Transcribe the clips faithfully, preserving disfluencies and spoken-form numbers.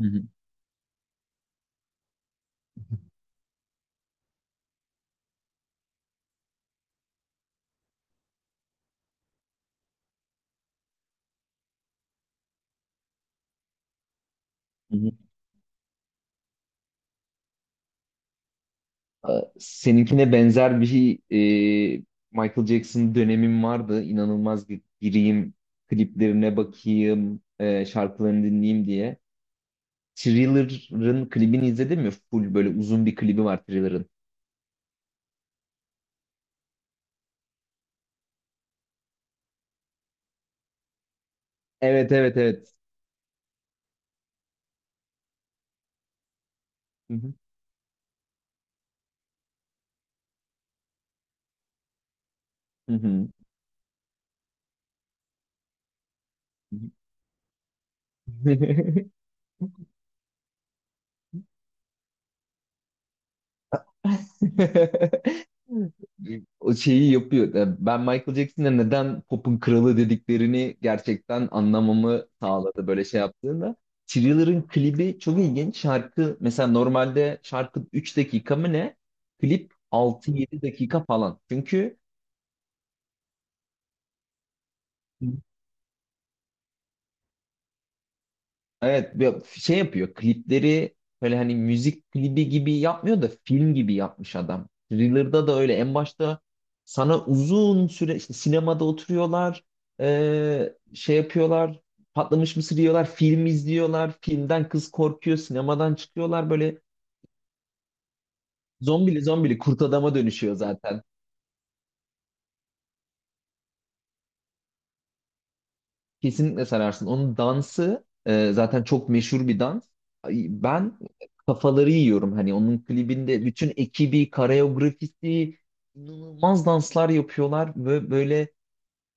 Hı hı. Hı hı. Ee, Seninkine benzer bir e, Michael Jackson dönemim vardı. İnanılmaz bir gireyim, kliplerine bakayım, e, şarkılarını dinleyeyim diye. Thriller'ın klibini izledin mi? Full böyle uzun bir klibi var Thriller'ın. Evet evet evet. Hı hı. Hı hı. O şeyi yapıyor. E, Ben Michael Jackson'a neden pop'un kralı dediklerini gerçekten anlamamı sağladı böyle şey yaptığında. Thriller'ın klibi çok ilginç. Şarkı mesela normalde şarkı üç dakika mı ne? Klip altı yedi dakika falan. Çünkü. Evet, bir- şey yapıyor klipleri, böyle hani müzik klibi gibi yapmıyor da film gibi yapmış adam. Thriller'da da öyle, en başta sana uzun süre işte sinemada oturuyorlar, ee, şey yapıyorlar, patlamış mısır yiyorlar, film izliyorlar, filmden kız korkuyor, sinemadan çıkıyorlar, böyle zombili zombili kurt adama dönüşüyor zaten. Kesinlikle sararsın. Onun dansı e, zaten çok meşhur bir dans. Ay, ben kafaları yiyorum. Hani onun klibinde bütün ekibi, koreografisi, inanılmaz danslar yapıyorlar ve böyle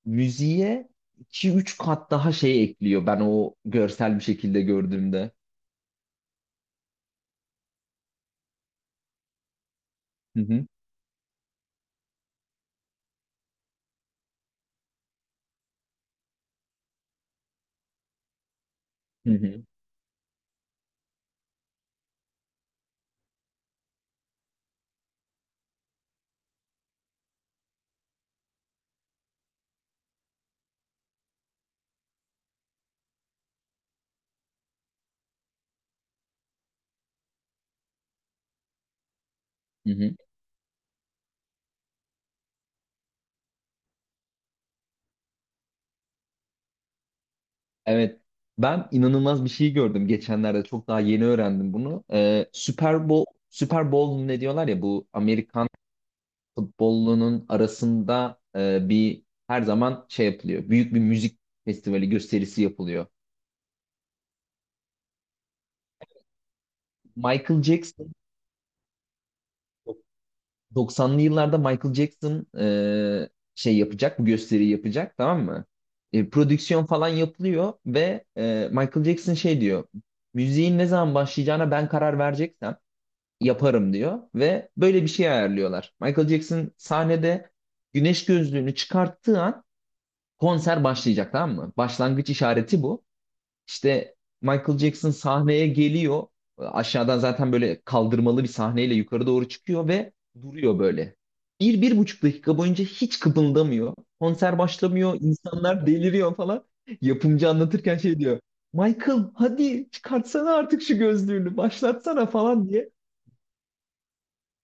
müziğe iki üç kat daha şey ekliyor, ben o görsel bir şekilde gördüğümde. Hı hı, hı hı, hı hı. Evet. Ben inanılmaz bir şey gördüm geçenlerde. Çok daha yeni öğrendim bunu. E, Super Bowl, Super Bowl ne diyorlar ya, bu Amerikan futbolunun arasında e, bir her zaman şey yapılıyor. Büyük bir müzik festivali gösterisi yapılıyor. Michael Jackson doksanlı yıllarda Michael Jackson e, şey yapacak, bu gösteriyi yapacak, tamam mı? E, prodüksiyon falan yapılıyor ve e, Michael Jackson şey diyor. Müziğin ne zaman başlayacağına ben karar vereceksem yaparım diyor ve böyle bir şey ayarlıyorlar. Michael Jackson sahnede güneş gözlüğünü çıkarttığı an konser başlayacak, tamam mı? Başlangıç işareti bu. İşte Michael Jackson sahneye geliyor. Aşağıdan zaten böyle kaldırmalı bir sahneyle yukarı doğru çıkıyor ve duruyor böyle. Bir, bir buçuk dakika boyunca hiç kıpıldamıyor. Konser başlamıyor, insanlar deliriyor falan. Yapımcı anlatırken şey diyor. Michael, hadi çıkartsana artık şu gözlüğünü, başlatsana falan diye.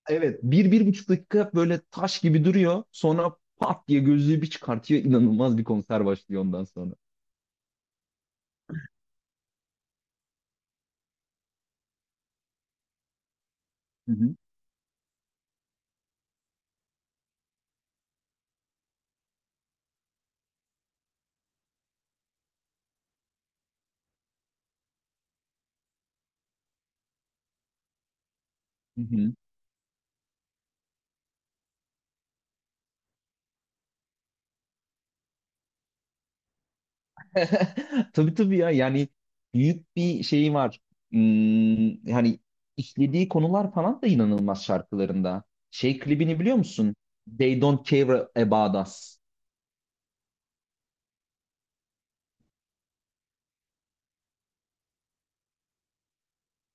Evet, bir, bir buçuk dakika böyle taş gibi duruyor. Sonra pat diye gözlüğü bir çıkartıyor. İnanılmaz bir konser başlıyor ondan sonra. Hı hı. Hı hı. Tabii tabii ya, yani büyük bir şey var. Hmm, yani işlediği konular falan da inanılmaz şarkılarında. Şey klibini biliyor musun? They Don't Care About Us.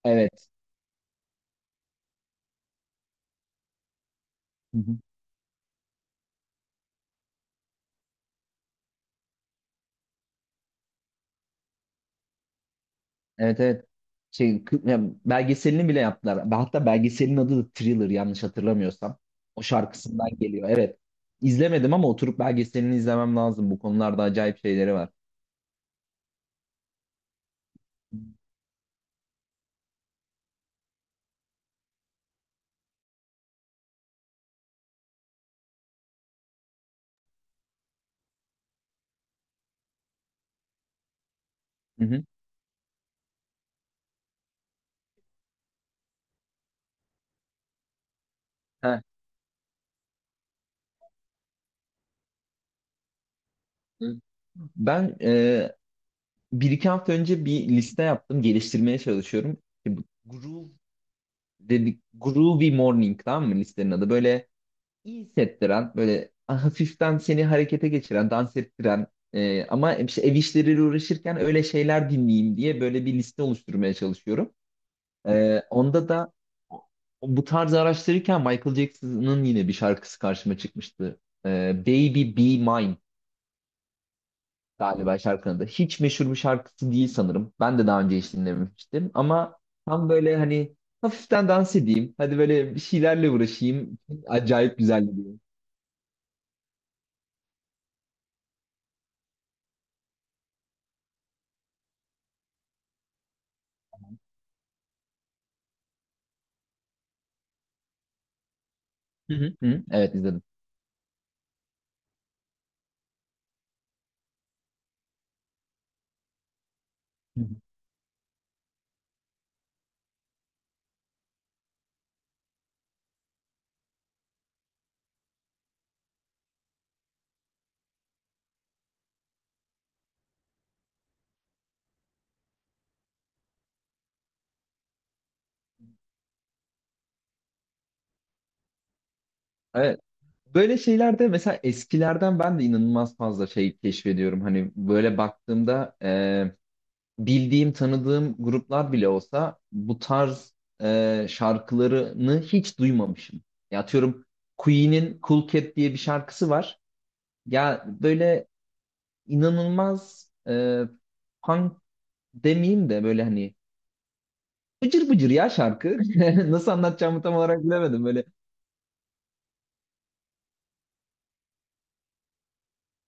Evet. Hı hı. Evet evet. Şey, k- yani belgeselini bile yaptılar. Hatta belgeselin adı da Thriller, yanlış hatırlamıyorsam. O şarkısından geliyor. Evet. İzlemedim ama oturup belgeselini izlemem lazım. Bu konularda acayip şeyleri var. Hı hı. Heh. Ben e, bir iki hafta önce bir liste yaptım. Geliştirmeye çalışıyorum. İşte bu groove dedik. Groovy Morning, tamam mı listenin adı? Böyle iyi hissettiren, böyle hafiften seni harekete geçiren, dans ettiren, e, ama işte ev işleriyle uğraşırken öyle şeyler dinleyeyim diye böyle bir liste oluşturmaya çalışıyorum. E, onda da bu tarz araştırırken Michael Jackson'ın yine bir şarkısı karşıma çıkmıştı. E, Baby Be Mine galiba şarkının adı. Hiç meşhur bir şarkısı değil sanırım. Ben de daha önce hiç dinlememiştim ama tam böyle hani hafiften dans edeyim. Hadi böyle bir şeylerle uğraşayım. Acayip güzel gidiyor. Hı hı. Hı, evet izledim. Hı hı. Evet. Böyle şeylerde mesela eskilerden ben de inanılmaz fazla şey keşfediyorum. Hani böyle baktığımda e, bildiğim, tanıdığım gruplar bile olsa bu tarz e, şarkılarını hiç duymamışım. Ya atıyorum, Queen'in Cool Cat diye bir şarkısı var. Ya böyle inanılmaz, e, punk demeyeyim de böyle hani bıcır bıcır ya şarkı. Nasıl anlatacağımı tam olarak bilemedim böyle.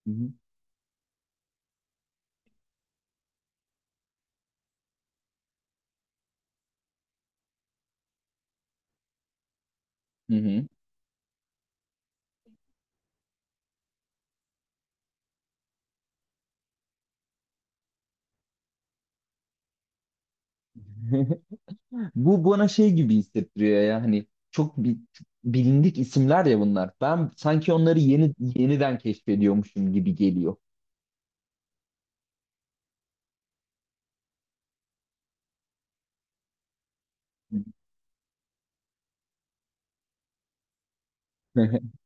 Hı hı. Hı hı. Bu bana şey gibi hissettiriyor ya, hani çok bi- bilindik isimler ya bunlar. Ben sanki onları yeni yeniden keşfediyormuşum gibi geliyor.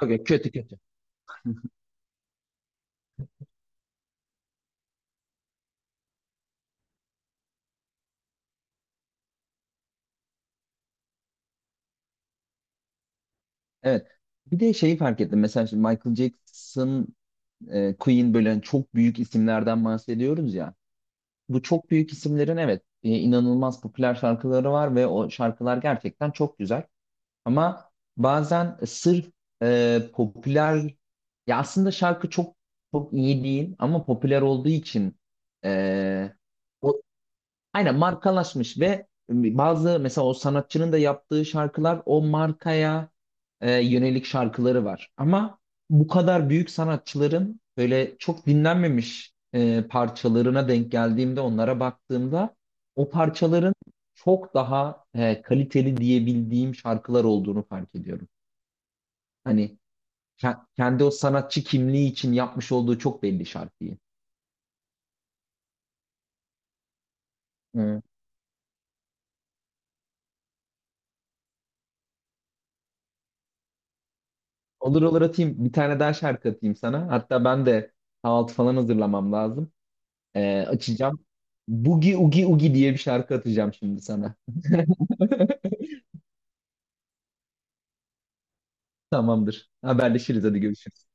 Yok yok, kötü kötü. Evet. Bir de şeyi fark ettim. Mesela şimdi Michael Jackson, e, Queen, böyle hani çok büyük isimlerden bahsediyoruz ya. Bu çok büyük isimlerin, evet, e, inanılmaz popüler şarkıları var ve o şarkılar gerçekten çok güzel. Ama bazen sırf e, popüler, ya aslında şarkı çok çok iyi değil ama popüler olduğu için e, o, aynen markalaşmış ve e, bazı, mesela o sanatçının da yaptığı şarkılar o markaya e, yönelik şarkıları var. Ama bu kadar büyük sanatçıların böyle çok dinlenmemiş e, parçalarına denk geldiğimde, onlara baktığımda o parçaların çok daha e, kaliteli diyebildiğim şarkılar olduğunu fark ediyorum. Hani ke- kendi o sanatçı kimliği için yapmış olduğu çok belli şarkıyı. Olur olur, atayım. Bir tane daha şarkı atayım sana. Hatta ben de kahvaltı falan hazırlamam lazım. Ee, açacağım. Boogie Oogie Oogie diye bir şarkı atacağım şimdi sana. Tamamdır. Haberleşiriz. Hadi görüşürüz.